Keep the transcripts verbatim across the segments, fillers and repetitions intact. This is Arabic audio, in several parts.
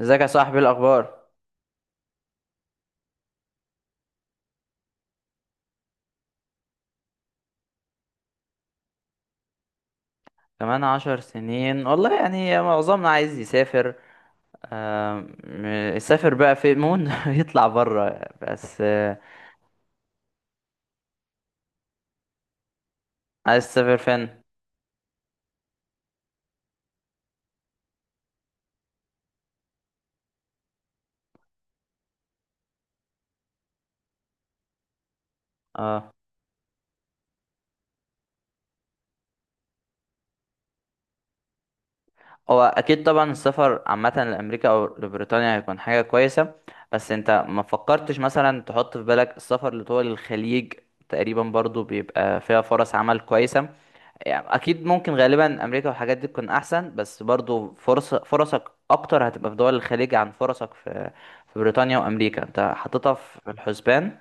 ازيك يا صاحبي؟ إيه الاخبار؟ كمان عشر سنين والله، يعني معظمنا عايز يسافر، آم، يسافر بقى في مون يطلع بره. بس آه، عايز تسافر فين؟ اه، هو اكيد طبعا السفر عامه لامريكا او لبريطانيا هيكون حاجه كويسه. بس انت ما فكرتش مثلا تحط في بالك السفر لدول الخليج؟ تقريبا برضو بيبقى فيها فرص عمل كويسه. يعني اكيد ممكن غالبا امريكا والحاجات دي تكون احسن، بس برضو فرص فرصك اكتر هتبقى في دول الخليج عن فرصك في في بريطانيا وامريكا. انت حاططها في الحسبان؟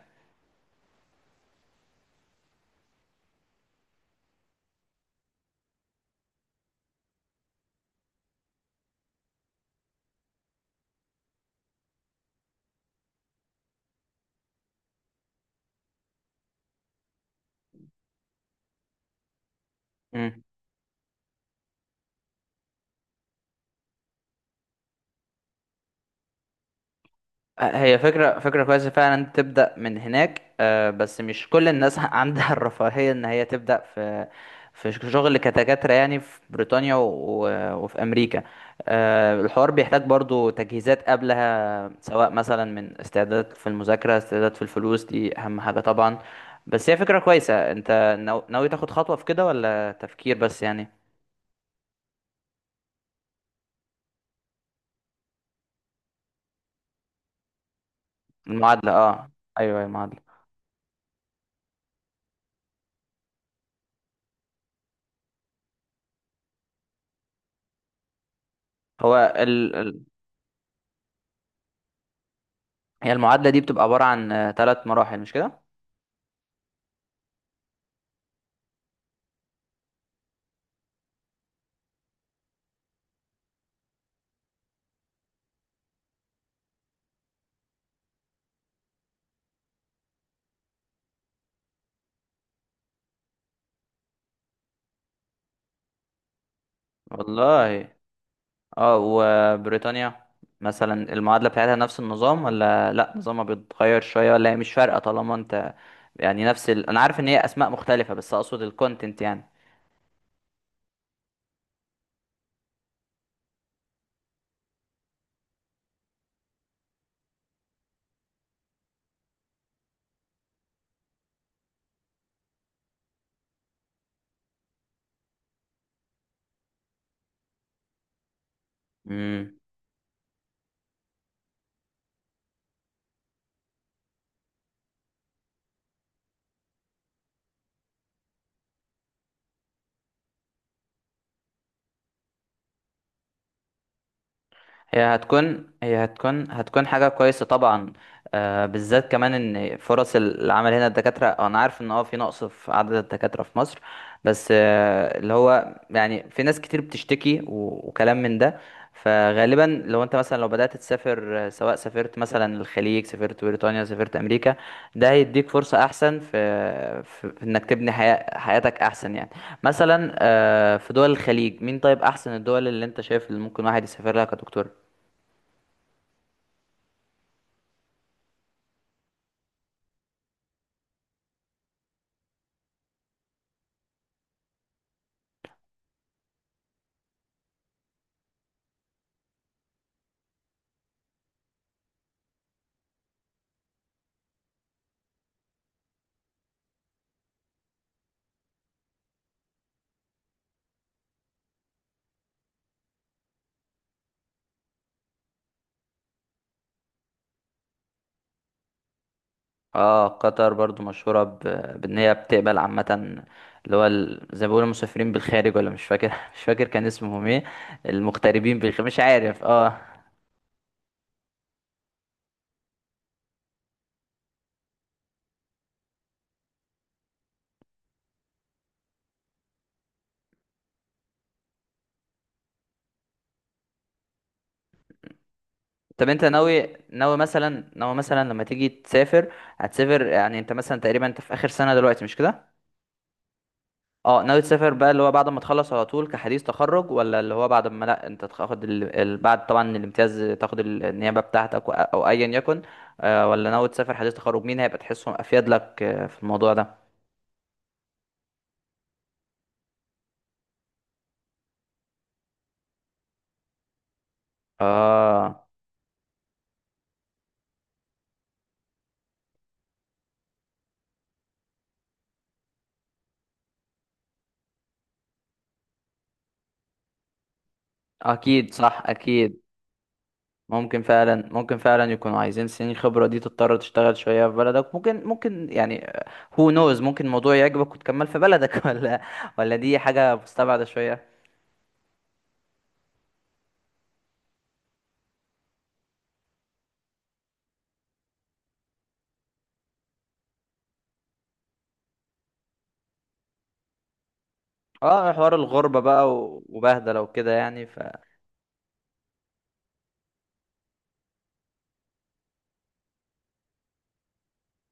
مم. هي فكرة، فكرة كويسة فعلا إن تبدأ من هناك، آه، بس مش كل الناس عندها الرفاهية إن هي تبدأ في في شغل كدكاترة، يعني في بريطانيا و- وفي أمريكا. آه، الحوار بيحتاج برضو تجهيزات قبلها، سواء مثلا من استعداد في المذاكرة، استعداد في الفلوس، دي أهم حاجة طبعا. بس هي فكرة كويسة. أنت ناو- ناوي تاخد خطوة في كده ولا تفكير بس يعني؟ المعادلة، اه، أيوه المعادلة. هو ال... ال- هي المعادلة دي بتبقى عبارة عن ثلاث مراحل، مش كده؟ والله، اه. وبريطانيا مثلا، المعادلة بتاعتها نفس النظام ولا لا؟ نظامها بيتغير شوية، ولا هي مش فارقة طالما انت يعني نفس ال... انا عارف ان هي اسماء مختلفة، بس اقصد الكونتنت يعني. امم، هي هتكون هي هتكون هتكون حاجة كويسة طبعا. آه، بالذات كمان ان فرص العمل هنا الدكاترة، انا عارف ان اه في نقص في عدد الدكاترة في مصر. بس آه، اللي هو يعني في ناس كتير بتشتكي و- وكلام من ده. فغالبا لو انت مثلا لو بدأت تسافر، آه، سواء سافرت مثلا الخليج، سافرت بريطانيا، سافرت امريكا، ده هيديك فرصة احسن في، في في انك تبني حياة حياتك احسن يعني. مثلا آه، في دول الخليج، مين طيب احسن الدول اللي انت شايف اللي ممكن واحد يسافر لها كدكتور؟ اه، قطر برضو مشهورة ب... بان هي بتقبل عامة اللي هو ال... زي ما بيقولوا مسافرين بالخارج، ولا مش فاكر مش فاكر كان اسمهم ايه؟ المغتربين بالخارج، مش عارف، اه. طب انت ناوي ناوي مثلا ناوي مثلا لما تيجي تسافر، هتسافر يعني؟ انت مثلا تقريبا انت في اخر سنة دلوقتي، مش كده؟ اه، ناوي تسافر بقى اللي هو بعد ما تخلص على طول كحديث تخرج، ولا اللي هو بعد ما، لا، انت تاخد ال... ال... بعد طبعا الامتياز، تاخد ال- النيابة بتاعتك و... او ايا يكن؟ آه، ولا ناوي تسافر حديث تخرج؟ مين هيبقى تحسهم افيد لك آه، في الموضوع ده؟ اه اكيد، صح اكيد. ممكن فعلا، ممكن فعلا يكونوا عايزين سنين خبرة دي، تضطر تشتغل شوية في بلدك، ممكن ممكن يعني. هو نوز ممكن الموضوع يعجبك وتكمل في بلدك ولا ولا دي حاجة مستبعدة شوية؟ اه، حوار الغربة بقى و- وبهدلة وكده يعني.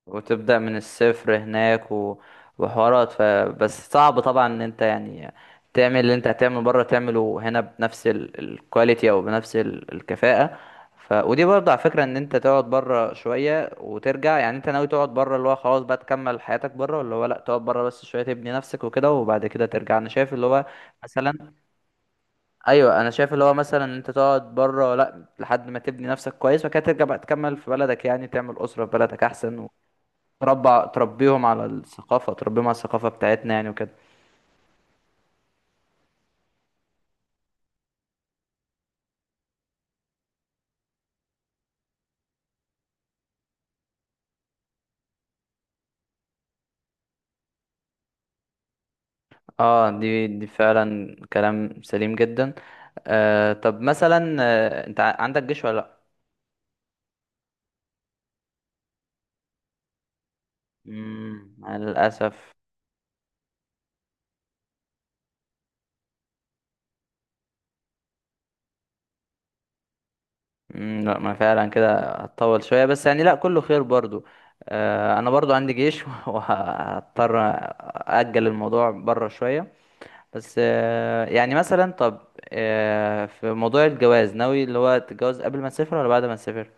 وتبدأ من الصفر هناك و... وحوارات ف... بس صعب طبعا ان انت يعني تعمل اللي انت هتعمله بره تعمله هنا بنفس ال- الكواليتي او بنفس ال- الكفاءة. ف... ودي برضه على فكرة ان انت تقعد بره شوية وترجع. يعني انت ناوي تقعد بره اللي هو خلاص بقى تكمل حياتك بره، ولا هو لا، تقعد بره بس شوية تبني نفسك وكده وبعد كده ترجع؟ انا شايف اللي هو مثلا، ايوه انا شايف اللي هو مثلا ان انت تقعد بره لا لحد ما تبني نفسك كويس، وبعد كده ترجع بقى تكمل في بلدك يعني. تعمل أسرة في بلدك احسن، تربى تربيهم على الثقافة، تربيهم على الثقافة بتاعتنا يعني وكده. اه، دي دي فعلا كلام سليم جدا. آه طب مثلا، آه، انت ع- عندك جيش ولا لا؟ مم، مع للأسف. مم، لا، ما فعلا كده هتطول شوية. بس يعني لا، كله خير برضو. آه، انا برضو عندي جيش وهضطر أأجل الموضوع بره شوية. بس آه، يعني مثلا، طب، آه، في موضوع الجواز، ناوي اللي هو تتجوز قبل ما تسافر ولا بعد ما تسافر؟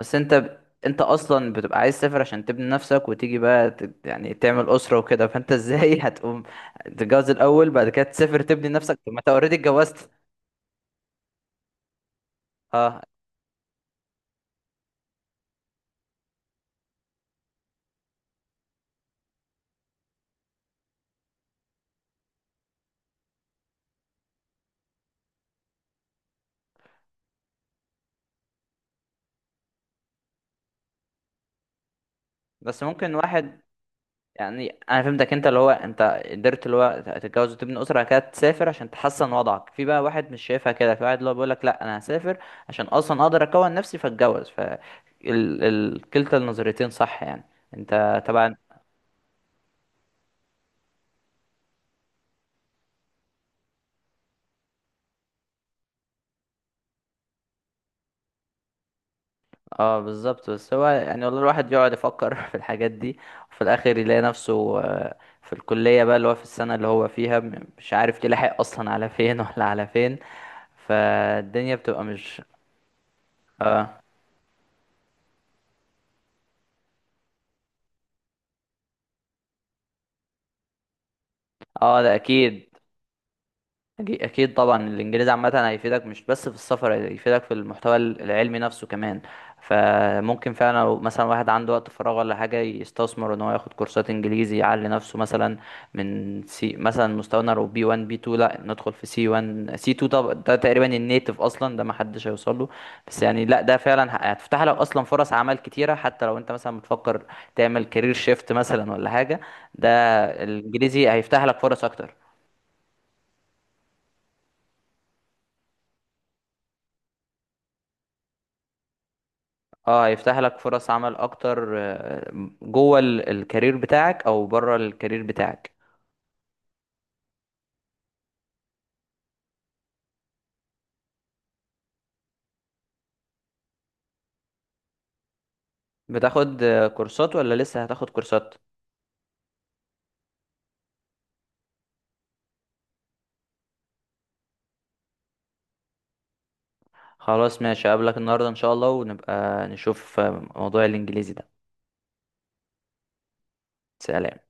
بس انت ب... انت اصلا بتبقى عايز تسافر عشان تبني نفسك وتيجي بقى ت... يعني تعمل اسره وكده. فانت ازاي هتقوم تتجوز الاول بعد كده تسافر تبني نفسك؟ طب ما انت اوريدي اتجوزت. اه، بس ممكن واحد يعني. انا فهمتك انت اللي هو، انت قدرت اللي هو تتجوز وتبني اسره بعد كده تسافر عشان تحسن وضعك. في بقى واحد مش شايفها كده، في واحد اللي هو بيقول لك لا، انا هسافر عشان اصلا اقدر اكون نفسي فاتجوز. ف ال... ال... كلتا النظريتين صح يعني، انت تبع. اه بالظبط. بس هو يعني، والله الواحد يقعد يفكر في الحاجات دي، وفي الاخر يلاقي نفسه آه، في الكلية بقى اللي هو في السنة اللي هو فيها، م- مش عارف يلاحق اصلا على فين ولا على فين. فالدنيا بتبقى مش... اه ده اكيد. أكي- اكيد طبعا الانجليزي عامه هيفيدك، مش بس في السفر، هيفيدك في المحتوى العلمي نفسه كمان. فممكن فعلا لو مثلا واحد عنده وقت فراغ ولا حاجه، يستثمر ان هو ياخد كورسات انجليزي يعلي نفسه. مثلا من سي، مثلا مستوانا لو بي واحد بي اتنين، لا ندخل في سي واحد سي اتنين. طب ده تقريبا النيتف اصلا، ده ما حدش هيوصل له. بس يعني لا، ده فعلا ه- هتفتح لك اصلا فرص عمل كتيره، حتى لو انت مثلا بتفكر تعمل كارير شيفت مثلا ولا حاجه. ده الانجليزي هيفتح لك فرص اكتر. اه هيفتح لك فرص عمل اكتر، آه، جوه ال- الكارير بتاعك او بره الكارير بتاعك. بتاخد آه، كورسات ولا لسه هتاخد كورسات؟ خلاص ماشي، اقابلك النهارده ان شاء الله، ونبقى نشوف آه، موضوع الانجليزي ده. سلام.